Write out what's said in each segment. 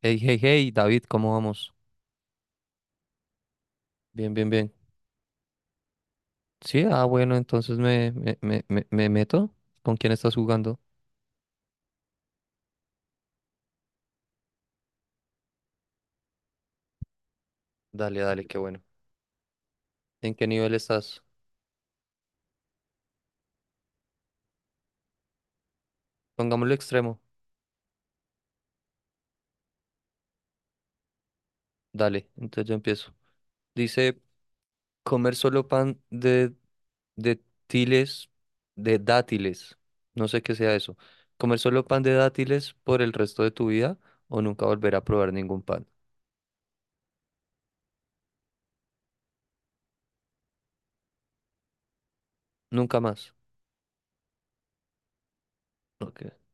Hey, hey, hey, David, ¿cómo vamos? Bien, bien, bien. Sí, bueno, entonces me meto. ¿Con quién estás jugando? Dale, dale, qué bueno. ¿En qué nivel estás? Pongámoslo extremo. Dale, entonces yo empiezo. Dice, comer solo pan de tiles, de dátiles. No sé qué sea eso. Comer solo pan de dátiles por el resto de tu vida o nunca volver a probar ningún pan. Nunca más. Ok.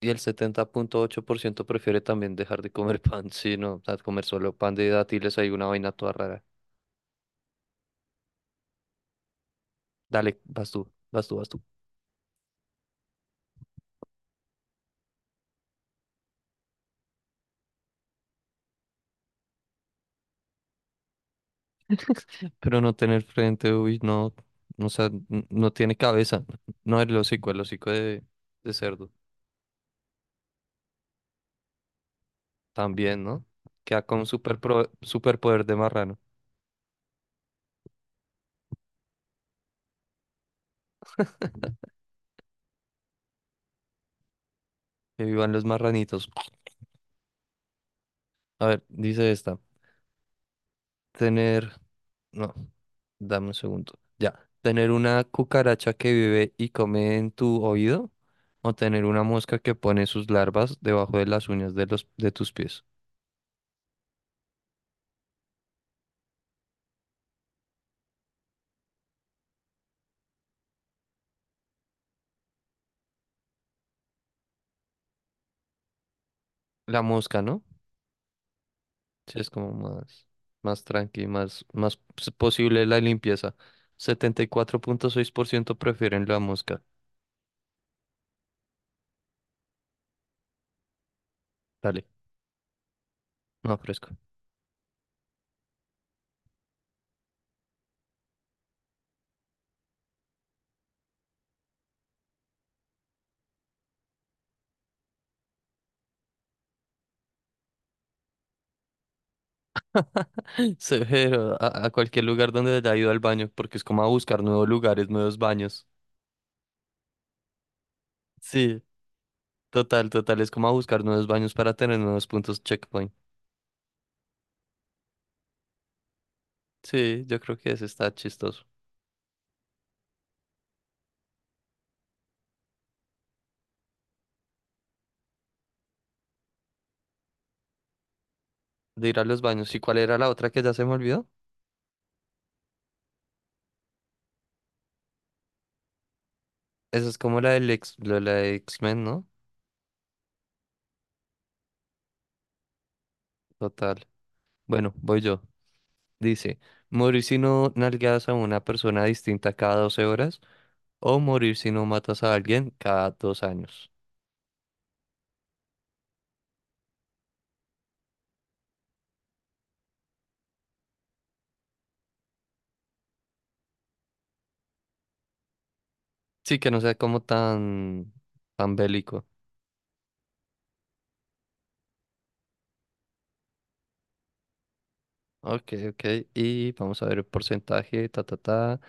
Y el 70,8% prefiere también dejar de comer pan, sí, no, o sea, comer solo pan de dátiles, hay una vaina toda rara. Dale, vas tú, vas tú, vas tú. Pero no tener frente, uy, no, o sea, no tiene cabeza. No, el hocico de cerdo, también, ¿no? Queda con un super superpoder de marrano. Que vivan los marranitos. A ver, dice esta. Tener, no, dame un segundo. Ya, tener una cucaracha que vive y come en tu oído o tener una mosca que pone sus larvas debajo de las uñas de los de tus pies. La mosca, ¿no? Sí, es como más más tranqui, más más posible la limpieza. 74,6% prefieren la mosca. Dale, no fresco. Severo, a cualquier lugar donde haya ido al baño, porque es como a buscar nuevos lugares, nuevos baños. Sí. Total, total, es como a buscar nuevos baños para tener nuevos puntos checkpoint. Sí, yo creo que ese está chistoso. De ir a los baños. ¿Y cuál era la otra que ya se me olvidó? Esa es como la del ex, la de X-Men, ¿no? Total. Bueno, voy yo. Dice, morir si no nalgas a una persona distinta cada 12 horas o morir si no matas a alguien cada 2 años. Sí, que no sea como tan, tan bélico. Ok, ok. Y vamos a ver el porcentaje, ta, ta, ta.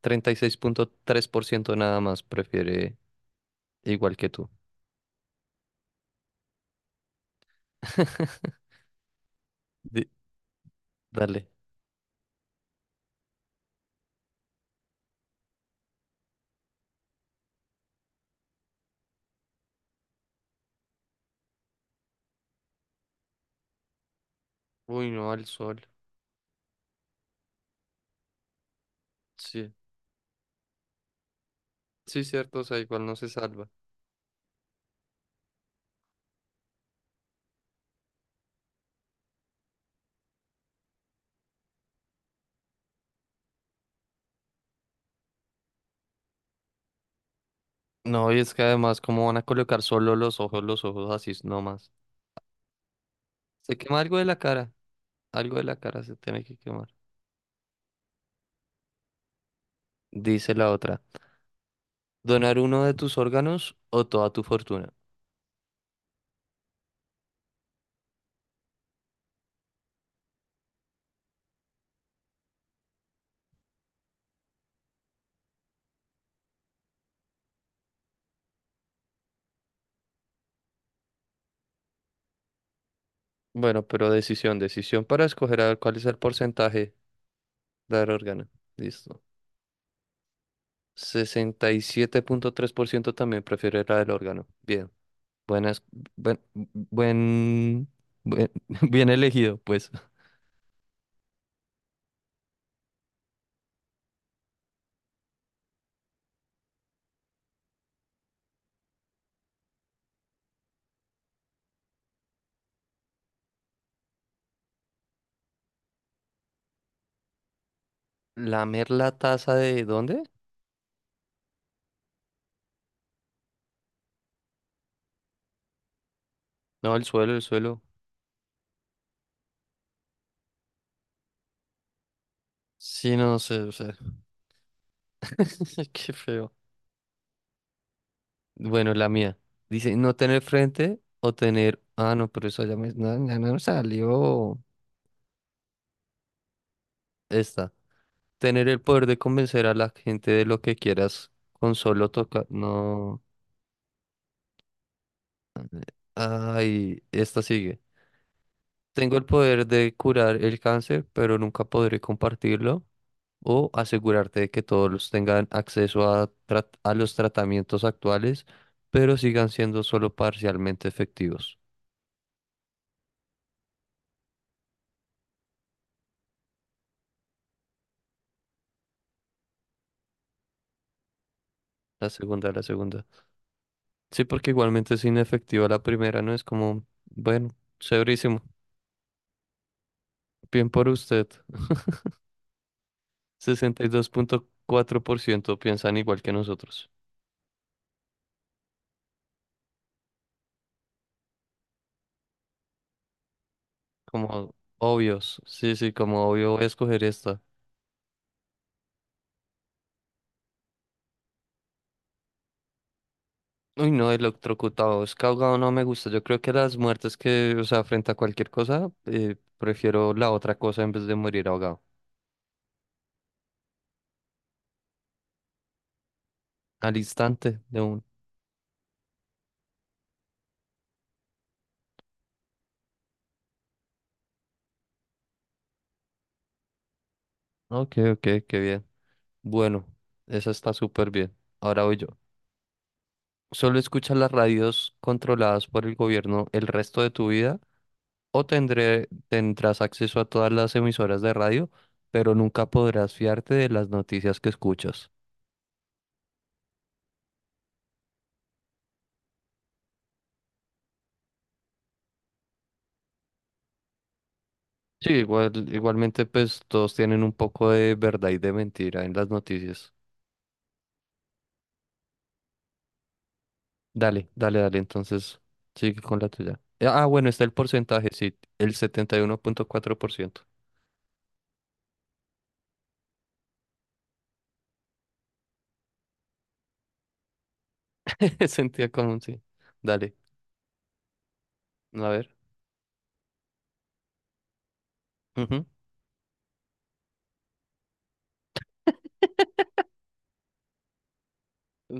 36,3% nada más prefiere igual que tú. Di- Dale. Uy, no, al sol. Sí, sí, cierto, o sea, igual no se salva. No, y es que además, ¿cómo van a colocar solo los ojos así nomás? Se quema algo de la cara, algo de la cara se tiene que quemar. Dice la otra, ¿donar uno de tus órganos o toda tu fortuna? Bueno, pero decisión, decisión para escoger a ver cuál es el porcentaje. La del órgano. Listo. 67,3% también prefiere la del órgano. Bien. Buenas. Buen. Buen. buen- Bien elegido, pues. ¿Lamer la taza de dónde? No, el suelo, el suelo. Sí, no sé, o sea. Qué feo. Bueno, la mía. Dice, no tener frente o tener. Ah, no, pero eso ya me. No, ya no salió. Esta. Tener el poder de convencer a la gente de lo que quieras con solo tocar. No. Ay, esta sigue. Tengo el poder de curar el cáncer, pero nunca podré compartirlo o asegurarte de que todos tengan acceso a los tratamientos actuales, pero sigan siendo solo parcialmente efectivos. La segunda, la segunda. Sí, porque igualmente es inefectiva la primera, ¿no? Es como, bueno, severísimo. Bien por usted. 62,4% piensan igual que nosotros. Como obvios. Sí, sí, como obvio voy a escoger esta. Uy, no, electrocutado, es ahogado no me gusta. Yo creo que las muertes que, o sea, frente a cualquier cosa, prefiero la otra cosa en vez de morir ahogado. Al instante de un. Ok, ok, qué bien. Bueno, esa está súper bien. Ahora voy yo. ¿Solo escuchas las radios controladas por el gobierno el resto de tu vida? ¿O tendré, tendrás acceso a todas las emisoras de radio, pero nunca podrás fiarte de las noticias que escuchas? Sí, igual, igualmente pues todos tienen un poco de verdad y de mentira en las noticias. Dale, dale, dale, entonces sigue con la tuya. Ah, bueno, está el porcentaje, sí, el 71,4%. Sentía como sí. Dale, a ver. Ujú.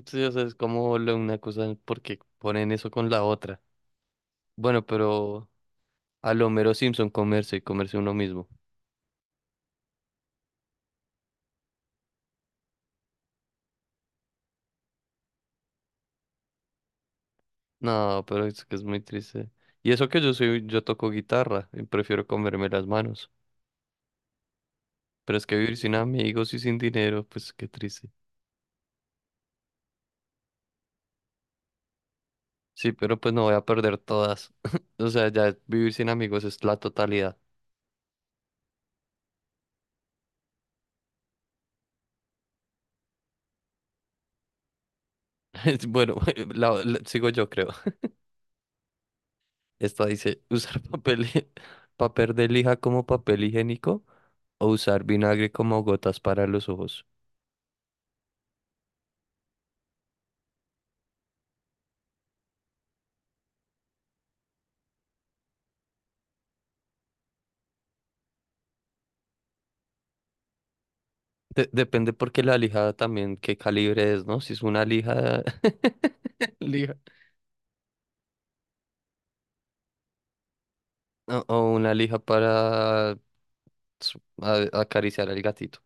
Sí, o sea, es como una cosa porque ponen eso con la otra. Bueno, pero a lo mero Simpson comerse y comerse uno mismo. No, pero es que es muy triste. Y eso que yo soy, yo toco guitarra y prefiero comerme las manos. Pero es que vivir sin amigos y sin dinero, pues qué triste. Sí, pero pues no voy a perder todas. O sea, ya vivir sin amigos es la totalidad. Bueno, sigo yo creo. Esta dice, usar papel, papel de lija como papel higiénico o usar vinagre como gotas para los ojos. Depende porque la lija también qué calibre es, ¿no? Si es una lija, lija. O una lija para acariciar al gatito.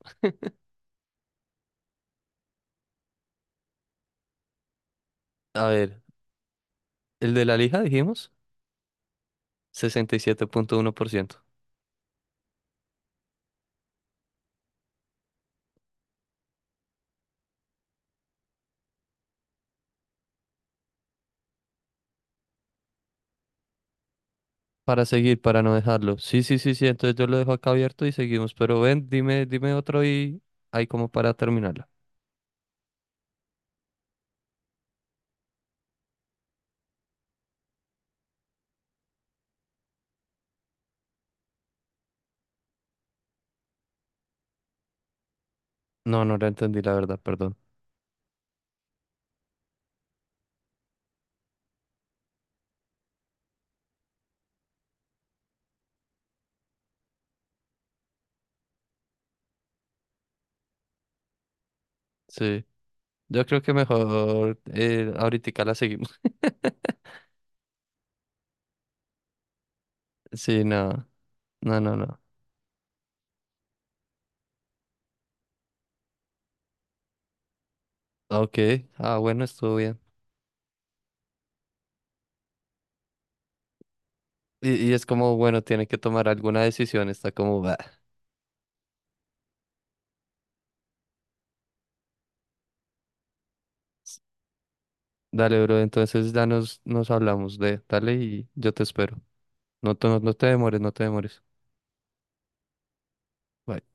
A ver, el de la lija dijimos. 67,1%. Para seguir, para no dejarlo. Sí, sí, sí, sí. Entonces yo lo dejo acá abierto y seguimos. Pero ven, dime, dime otro y hay como para terminarla. No, no la entendí, la verdad, perdón. Sí. Yo creo que mejor ahorita la seguimos. Sí, no. No, no, no. Ok. Ah, bueno, estuvo bien. Y es como, bueno, tiene que tomar alguna decisión. Está como, "Bah". Dale, bro. Entonces ya nos hablamos de, dale y yo te espero. No, no, no te demores, no te demores. Bye.